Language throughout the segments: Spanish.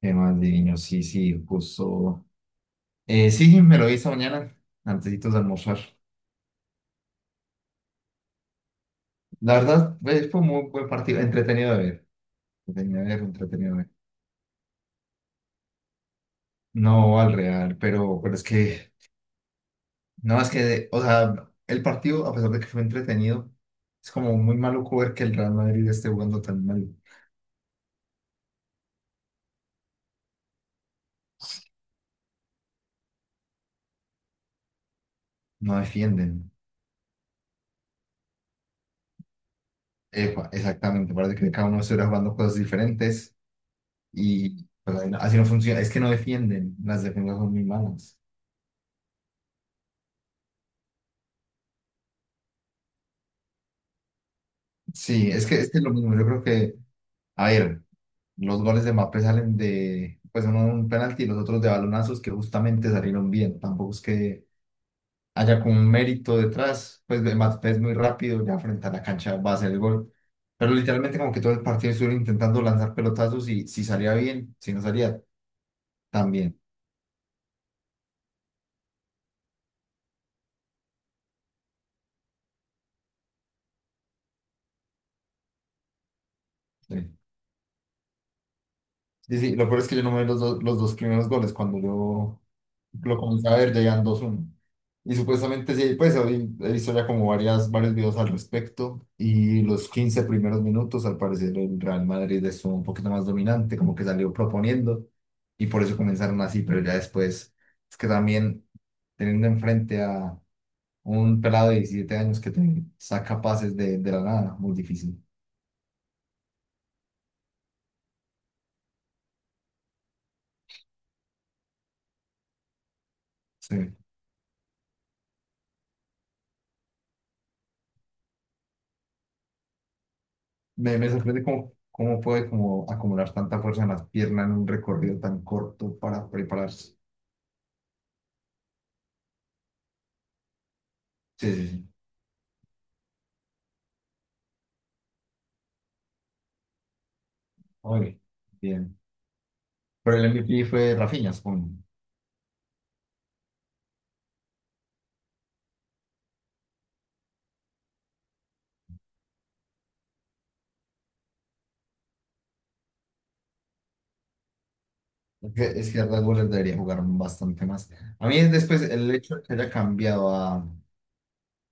Qué más divino, sí, sí, justo. Sí, me lo vi esta mañana, antesitos de almorzar. La verdad, fue un muy buen partido, entretenido de ver, entretenido de ver, entretenido de ver. No al Real, pero es que, no, es que, o sea, el partido, a pesar de que fue entretenido, es como muy maluco ver que el Real Madrid esté jugando tan mal. No defienden. Epa, exactamente, parece que cada uno estuviera jugando cosas diferentes y pues, así no funciona. Es que no defienden, las defensas son muy malas. Sí, es que lo mismo. Yo creo que, a ver, los goles de Mbappé salen de, pues uno de un penalti y los otros de balonazos que justamente salieron bien. Tampoco es que haya como un mérito detrás. Pues de Mbappé es muy rápido, ya frente a la cancha va a hacer el gol. Pero literalmente como que todo el partido estuvieron intentando lanzar pelotazos y si salía bien, si no salía, también. Sí. Sí, sí, lo peor es que yo no me vi los dos primeros goles. Cuando yo lo comencé a ver, ya iban 2-1. Y supuestamente sí, pues hoy he visto ya como varios videos al respecto. Y los 15 primeros minutos, al parecer, el Real Madrid estuvo un poquito más dominante, como que salió proponiendo. Y por eso comenzaron así, pero ya después, es que también teniendo enfrente a un pelado de 17 años que te saca pases de la nada, muy difícil. Sí. Me sorprende cómo puede como acumular tanta fuerza en las piernas en un recorrido tan corto para prepararse. Sí, sí, sí. Oye, bien. Pero el MVP fue Rafinha, supongo. Es que a Red debería jugar bastante más. A mí después el hecho de que haya cambiado a,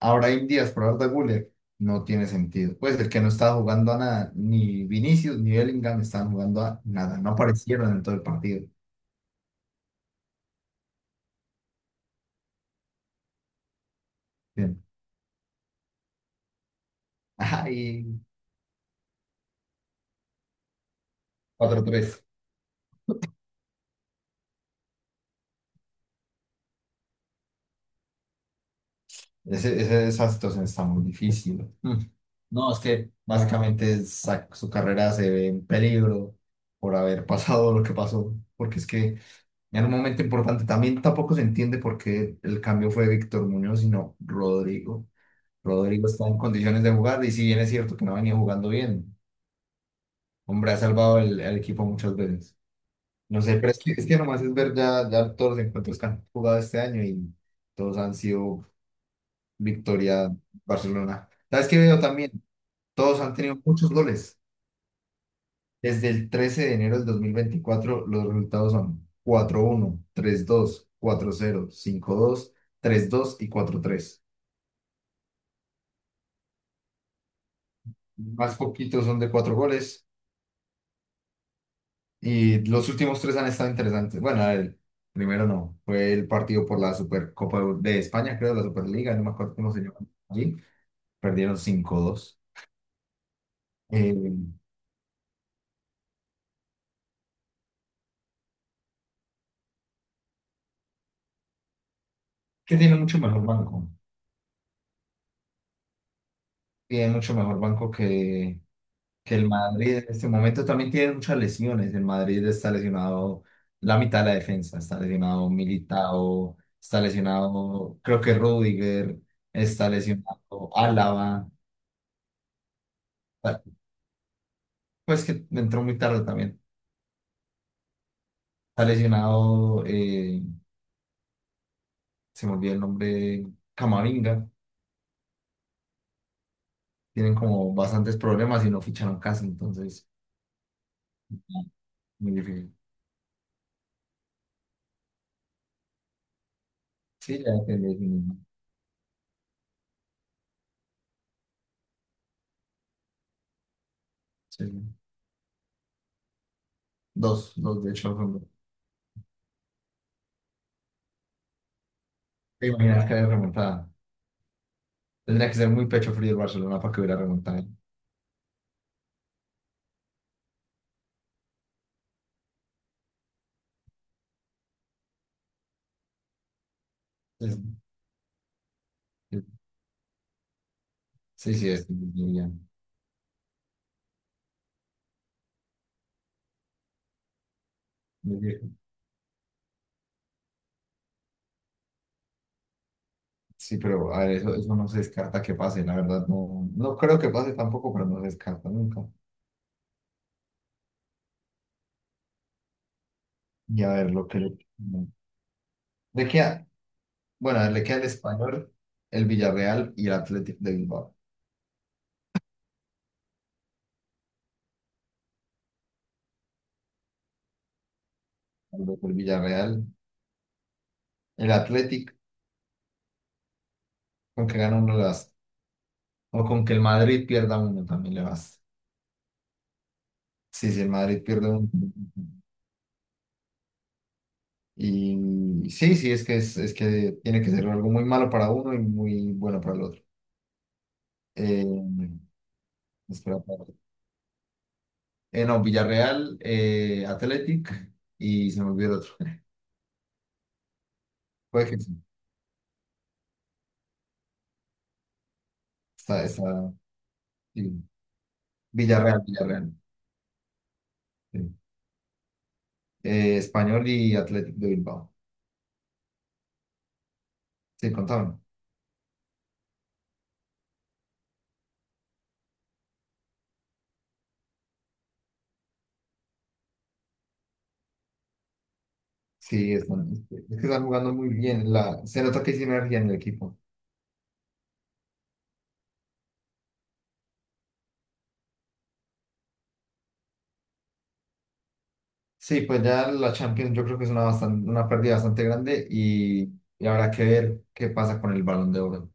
a Brahim Díaz por Arda Güler no tiene sentido. Pues el que no estaba jugando a nada, ni Vinicius ni Bellingham estaban jugando a nada. No aparecieron en todo el partido. Bien. Ay, 4-3. Esa situación está muy difícil. Mm. No, es que básicamente su carrera se ve en peligro por haber pasado lo que pasó, porque es que en un momento importante también tampoco se entiende por qué el cambio fue Víctor Muñoz, sino Rodrigo. Rodrigo está en condiciones de jugar y si bien es cierto que no venía jugando bien, hombre, ha salvado el equipo muchas veces. No sé, pero es que nomás es ver ya todos los encuentros que han jugado este año y todos han sido victoria Barcelona. ¿Sabes qué veo también? Todos han tenido muchos goles. Desde el 13 de enero del 2024 los resultados son 4-1, 3-2, 4-0, 5-2, 3-2 y 4-3. Más poquitos son de cuatro goles y los últimos tres han estado interesantes. Bueno, el primero no, fue el partido por la Supercopa de España, creo, la Superliga, no me acuerdo cómo se llama allí. Perdieron 5-2. Eh, que tiene mucho mejor banco. Tiene mucho mejor banco que el Madrid en este momento también tiene muchas lesiones. El Madrid está lesionado la mitad de la defensa, está lesionado Militao, está lesionado, creo que Rudiger, está lesionado Álava, pa- pues que entró muy tarde también. Está lesionado, se me olvidó el nombre, Camavinga. Tienen como bastantes problemas y no ficharon casi, entonces muy difícil. Sí, ya depende de sí, mismo. Sí. Sí. Dos, dos de hecho. Son dos. ¿Te imaginas que haya remontada? Tendría que ser muy pecho frío el Barcelona para que hubiera remontado. Es- es- sí, sí, es muy bien, muy bien. Sí, pero a ver, eso no se descarta que pase, la verdad. No, no creo que pase tampoco, pero no se descarta nunca. Y a ver, lo que le, no. Le queda, bueno, a ver, le queda el Español, el Villarreal y el Athletic de Bilbao. Tal vez el Villarreal, el Athletic, con que gana uno le basta. O con que el Madrid pierda uno también le basta. Sí, si el Madrid pierde uno. Y sí, sí, es que tiene que ser algo muy malo para uno y muy bueno para el otro. Eh, Espera, espera. No, Villarreal, Athletic y se me olvidó el otro. Puede que sí. Está, sí. Villarreal, Villarreal. Sí. Español y Athletic de Bilbao. Sí, contaban. Sí, están, es que están jugando muy bien. Se nota que hay sinergia en el equipo. Sí, pues ya la Champions yo creo que es una pérdida bastante grande y habrá que ver qué pasa con el Balón de Oro.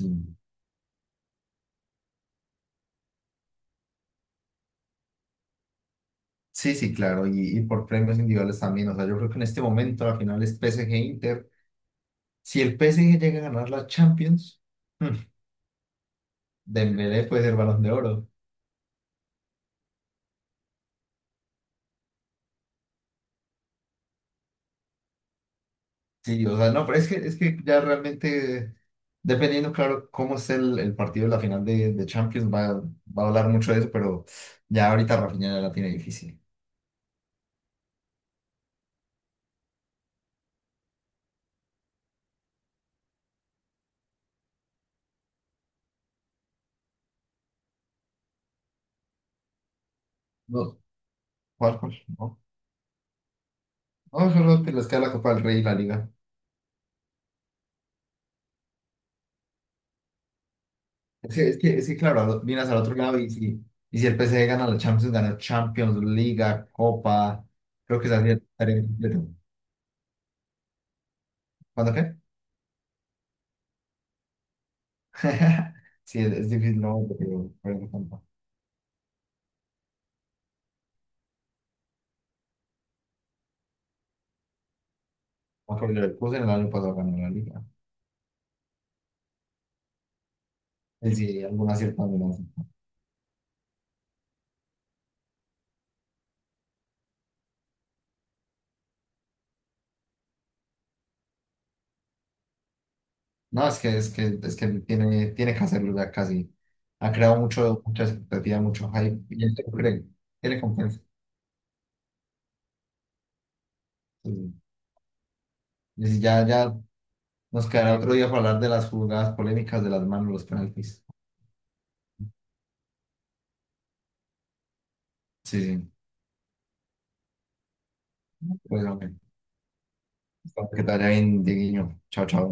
Mm. Sí, sí, claro, y por premios individuales también. O sea, yo creo que en este momento la final es PSG Inter. Si el PSG llega a ganar la Champions, mm, Dembélé puede ser Balón de Oro. Sí, o sea, no, pero es que ya realmente, dependiendo, claro, cómo esté el partido de la final de Champions, va a hablar mucho de eso, pero ya ahorita Rafinha ya la tiene difícil. No, ¿cuál, cuál? No, no, solo te les queda la Copa del Rey y la Liga. Es que, claro, miras al otro lado y si el PSG gana la Champions, gana Champions, Liga, Copa, creo que se hacía el tarea completo. ¿Cuándo qué? Sí, es difícil, ¿no? Pero no tanto. Aunque el Leverkusen el año pasado ganó la Liga. Y si alguna cierta no. No, es que tiene que hacerlo ya casi. Ha creado mucha expectativa, mucho hype. Y él te cree, tiene confianza. Sí. Y si ya nos quedará otro día para hablar de las jugadas polémicas de las manos, los penaltis. Sí, sí. Bueno, que estará bien, Dieguiño. Chao, chao.